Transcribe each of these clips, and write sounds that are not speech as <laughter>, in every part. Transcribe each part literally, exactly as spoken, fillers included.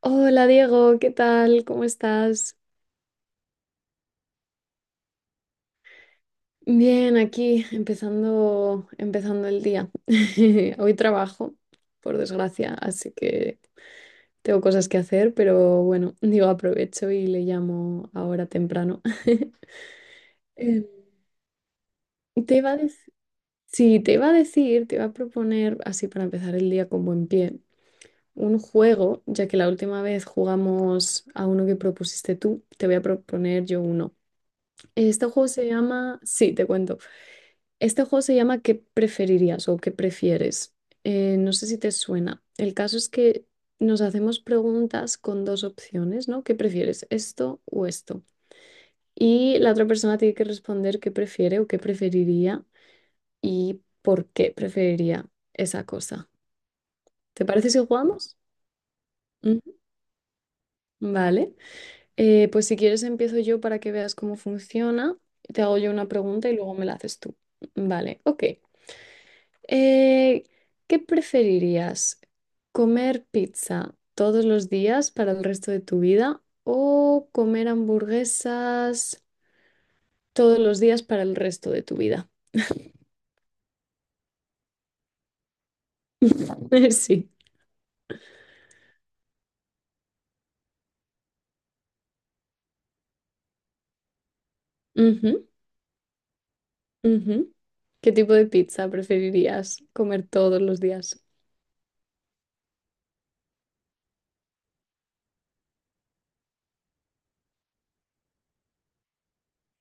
Hola Diego, ¿qué tal? ¿Cómo estás? Bien, aquí empezando, empezando el día. <laughs> Hoy trabajo, por desgracia, así que tengo cosas que hacer, pero bueno, digo, aprovecho y le llamo ahora temprano. <laughs> Em, Te iba a dec- sí, te iba a decir, te iba a proponer, así para empezar el día con buen pie, un juego, ya que la última vez jugamos a uno que propusiste tú, te voy a proponer yo uno. Este juego se llama, sí, te cuento. Este juego se llama, ¿qué preferirías o qué prefieres? Eh, no sé si te suena. El caso es que nos hacemos preguntas con dos opciones, ¿no? ¿Qué prefieres, esto o esto? Y la otra persona tiene que responder qué prefiere o qué preferiría y por qué preferiría esa cosa. ¿Te parece si jugamos? Ujú. Vale. Eh, pues si quieres empiezo yo para que veas cómo funciona. Te hago yo una pregunta y luego me la haces tú. Vale, ok. Eh, ¿Qué preferirías? ¿Comer pizza todos los días para el resto de tu vida o comer hamburguesas todos los días para el resto de tu vida? <laughs> Sí. Ujú, ujú. ¿Qué tipo de pizza preferirías comer todos los días?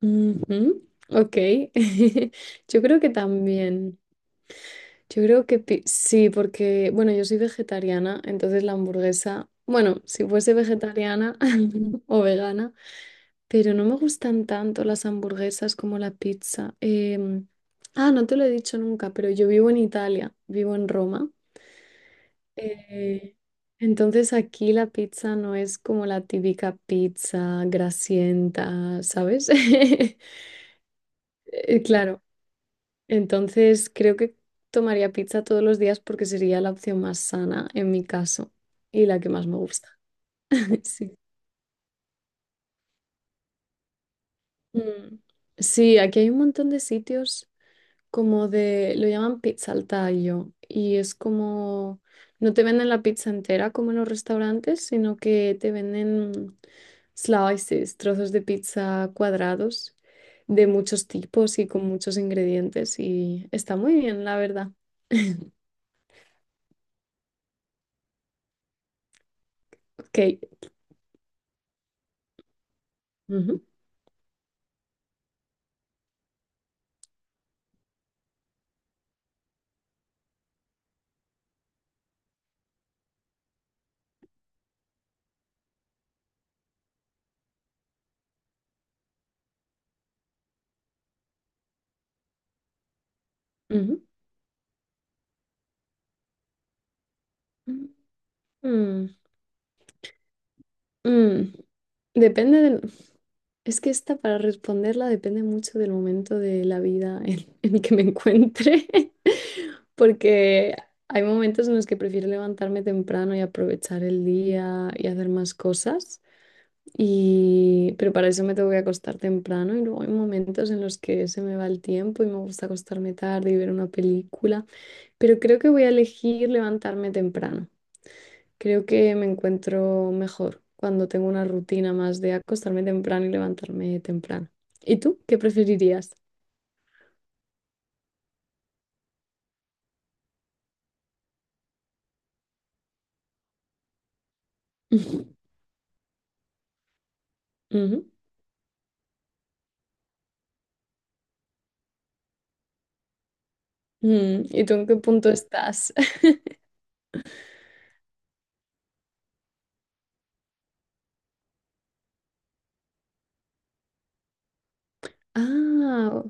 Ujú, ok. <laughs> Yo creo que también. Yo creo que pi- sí, porque, bueno, yo soy vegetariana, entonces la hamburguesa, bueno, si fuese vegetariana <laughs> o vegana, pero no me gustan tanto las hamburguesas como la pizza. Em, ah, no te lo he dicho nunca, pero yo vivo en Italia, vivo en Roma. eh, entonces aquí la pizza no es como la típica pizza grasienta, ¿sabes? <laughs> Eh, Claro. Entonces, creo que tomaría pizza todos los días porque sería la opción más sana en mi caso y la que más me gusta. <laughs> Sí. Mm. Sí, aquí hay un montón de sitios como de, lo llaman pizza al tallo y es como, no te venden la pizza entera como en los restaurantes, sino que te venden slices, trozos de pizza cuadrados de muchos tipos y con muchos ingredientes y está muy bien, la verdad. Ok. Ujú, ujú. Mm, mm. Depende del... Es que esta para responderla depende mucho del momento de la vida en, <laughs> en el que me encuentre, <laughs> porque hay momentos en los que prefiero levantarme temprano y aprovechar el día y hacer más cosas, y... pero para eso me tengo que acostar temprano y luego hay momentos en los que se me va el tiempo y me gusta acostarme tarde y ver una película, pero creo que voy a elegir levantarme temprano. Creo que me encuentro mejor cuando tengo una rutina más de acostarme temprano y levantarme temprano. ¿Y tú qué preferirías? <laughs> Ujú. Mm, ¿Y tú en qué punto estás? <laughs> Ah,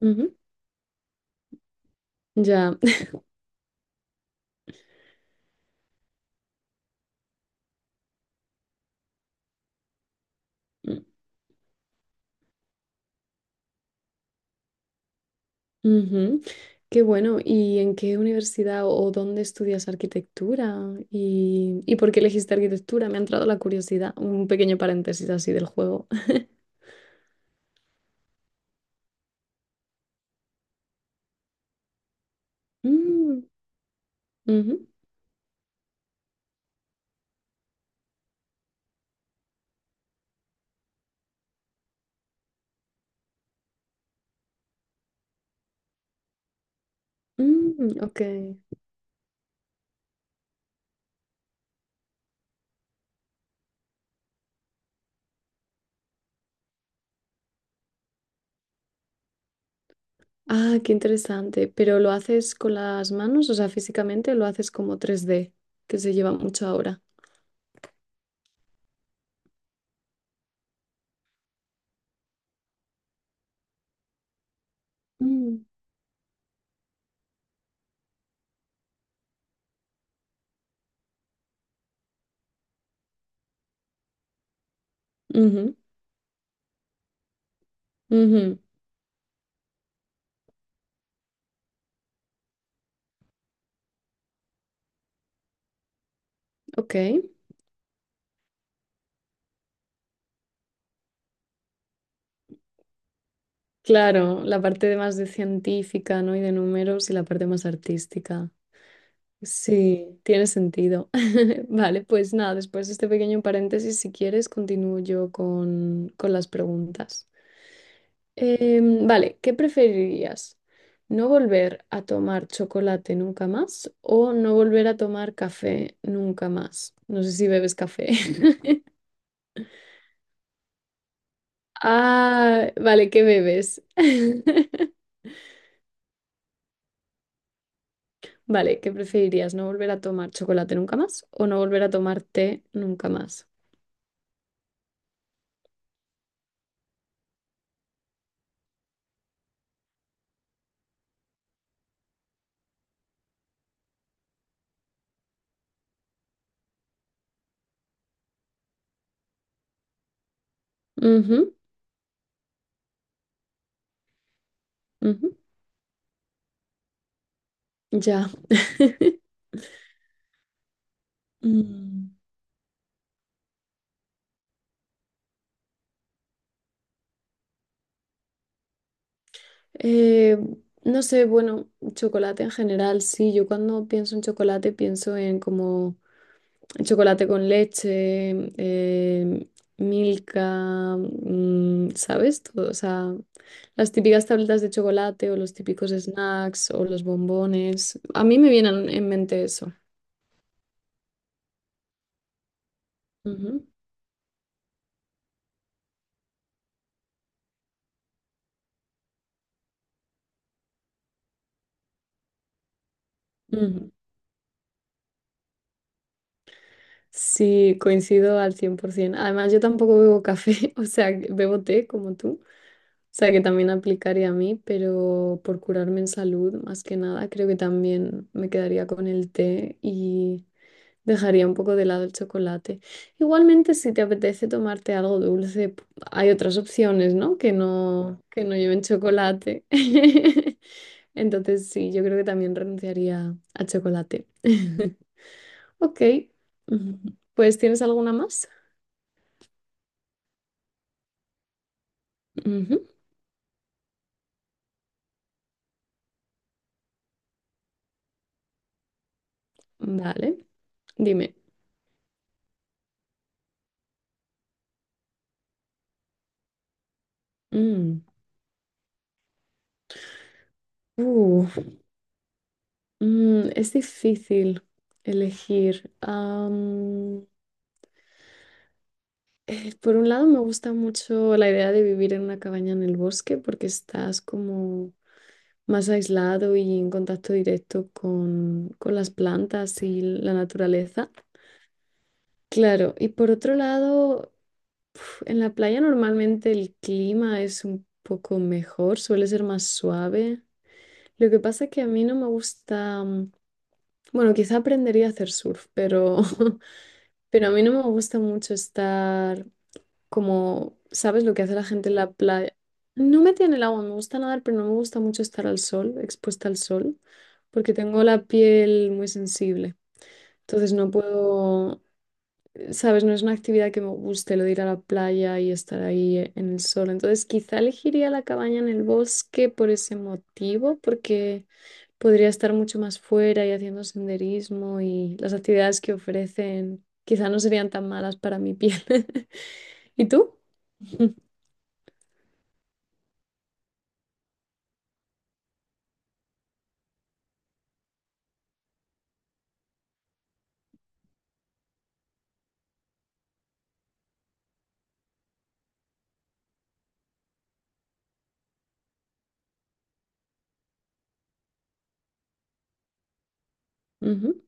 ujú, ya. <laughs> Mm, ujú. Qué bueno. ¿Y en qué universidad o dónde estudias arquitectura? ¿Y, y por qué elegiste arquitectura? Me ha entrado la curiosidad. Un pequeño paréntesis así del juego. <laughs> Mm, ujú, mm, ok. Ah, qué interesante. ¿Pero lo haces con las manos? O sea, físicamente o lo haces como tres d que se lleva mucho ahora. Mm. Ujú, ujú. Ok. Claro, la parte de más de científica, ¿no? Y de números y la parte más artística. Sí, tiene sentido. <laughs> Vale, pues nada, después de este pequeño paréntesis, si quieres, continúo yo con, con, las preguntas. Em, vale, ¿qué preferirías? ¿No volver a tomar chocolate nunca más o no volver a tomar café nunca más? No sé si bebes café. <laughs> Ah, vale, ¿qué bebes? <laughs> Vale, ¿qué preferirías? ¿No volver a tomar chocolate nunca más o no volver a tomar té nunca más? Ujú, ujú, ya. <laughs> Mm. Eh, no sé, bueno, chocolate en general, sí, yo cuando pienso en chocolate pienso en como chocolate con leche, eh, Milka, mm, ¿sabes? Todo, o sea, las típicas tabletas de chocolate o los típicos snacks o los bombones. A mí me vienen en mente eso. Ujú, ujú. Sí, coincido al cien por ciento. Además, yo tampoco bebo café, <laughs> o sea, bebo té como tú. Sea que también aplicaría a mí, pero por curarme en salud, más que nada, creo que también me quedaría con el té y dejaría un poco de lado el chocolate. Igualmente, si te apetece tomarte algo dulce, p- hay otras opciones, ¿no? Que no, que no lleven chocolate. <laughs> Entonces, sí, yo creo que también renunciaría al chocolate. <laughs> Ok, ujú. Pues, ¿tienes alguna más? Ujú. Vale, dime. Mm. Uh. Mm, es difícil elegir. Am, eh, por un lado, me gusta mucho la idea de vivir en una cabaña en el bosque porque estás como más aislado y en contacto directo con, con, las plantas y la naturaleza. Claro, y por otro lado, pf, en la playa normalmente el clima es un poco mejor, suele ser más suave. Lo que pasa es que a mí no me gusta, mm, bueno, quizá aprendería a hacer surf, pero <laughs> Pero a mí no me gusta mucho estar como, ¿sabes lo que hace la gente en la playa? No metida en el agua, me gusta nadar, pero no me gusta mucho estar al sol, expuesta al sol, porque tengo la piel muy sensible. Entonces no puedo, sabes, no es una actividad que me guste, lo de ir a la playa y estar ahí eh, en el sol. Entonces, quizá elegiría la cabaña en el bosque por ese motivo, porque podría estar mucho más fuera y haciendo senderismo y las actividades que ofrecen quizá no serían tan malas para mi piel. <laughs> ¿Y tú? <laughs> Ujú.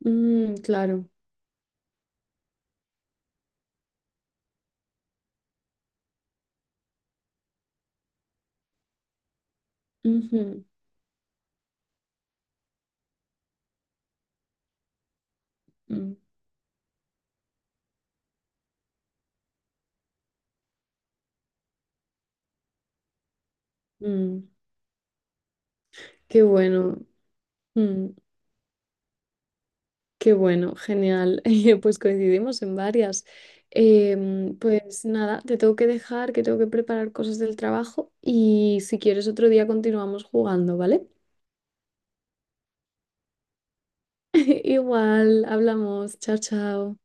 Mm, claro. Ujú. Mm, mm. Qué bueno. Mm. Qué bueno, genial. <laughs> Eh, Pues coincidimos en varias. Em, pues nada, te tengo que dejar, que tengo que preparar cosas del trabajo y si quieres otro día continuamos jugando, ¿vale? <laughs> Igual, hablamos. Chao, chao.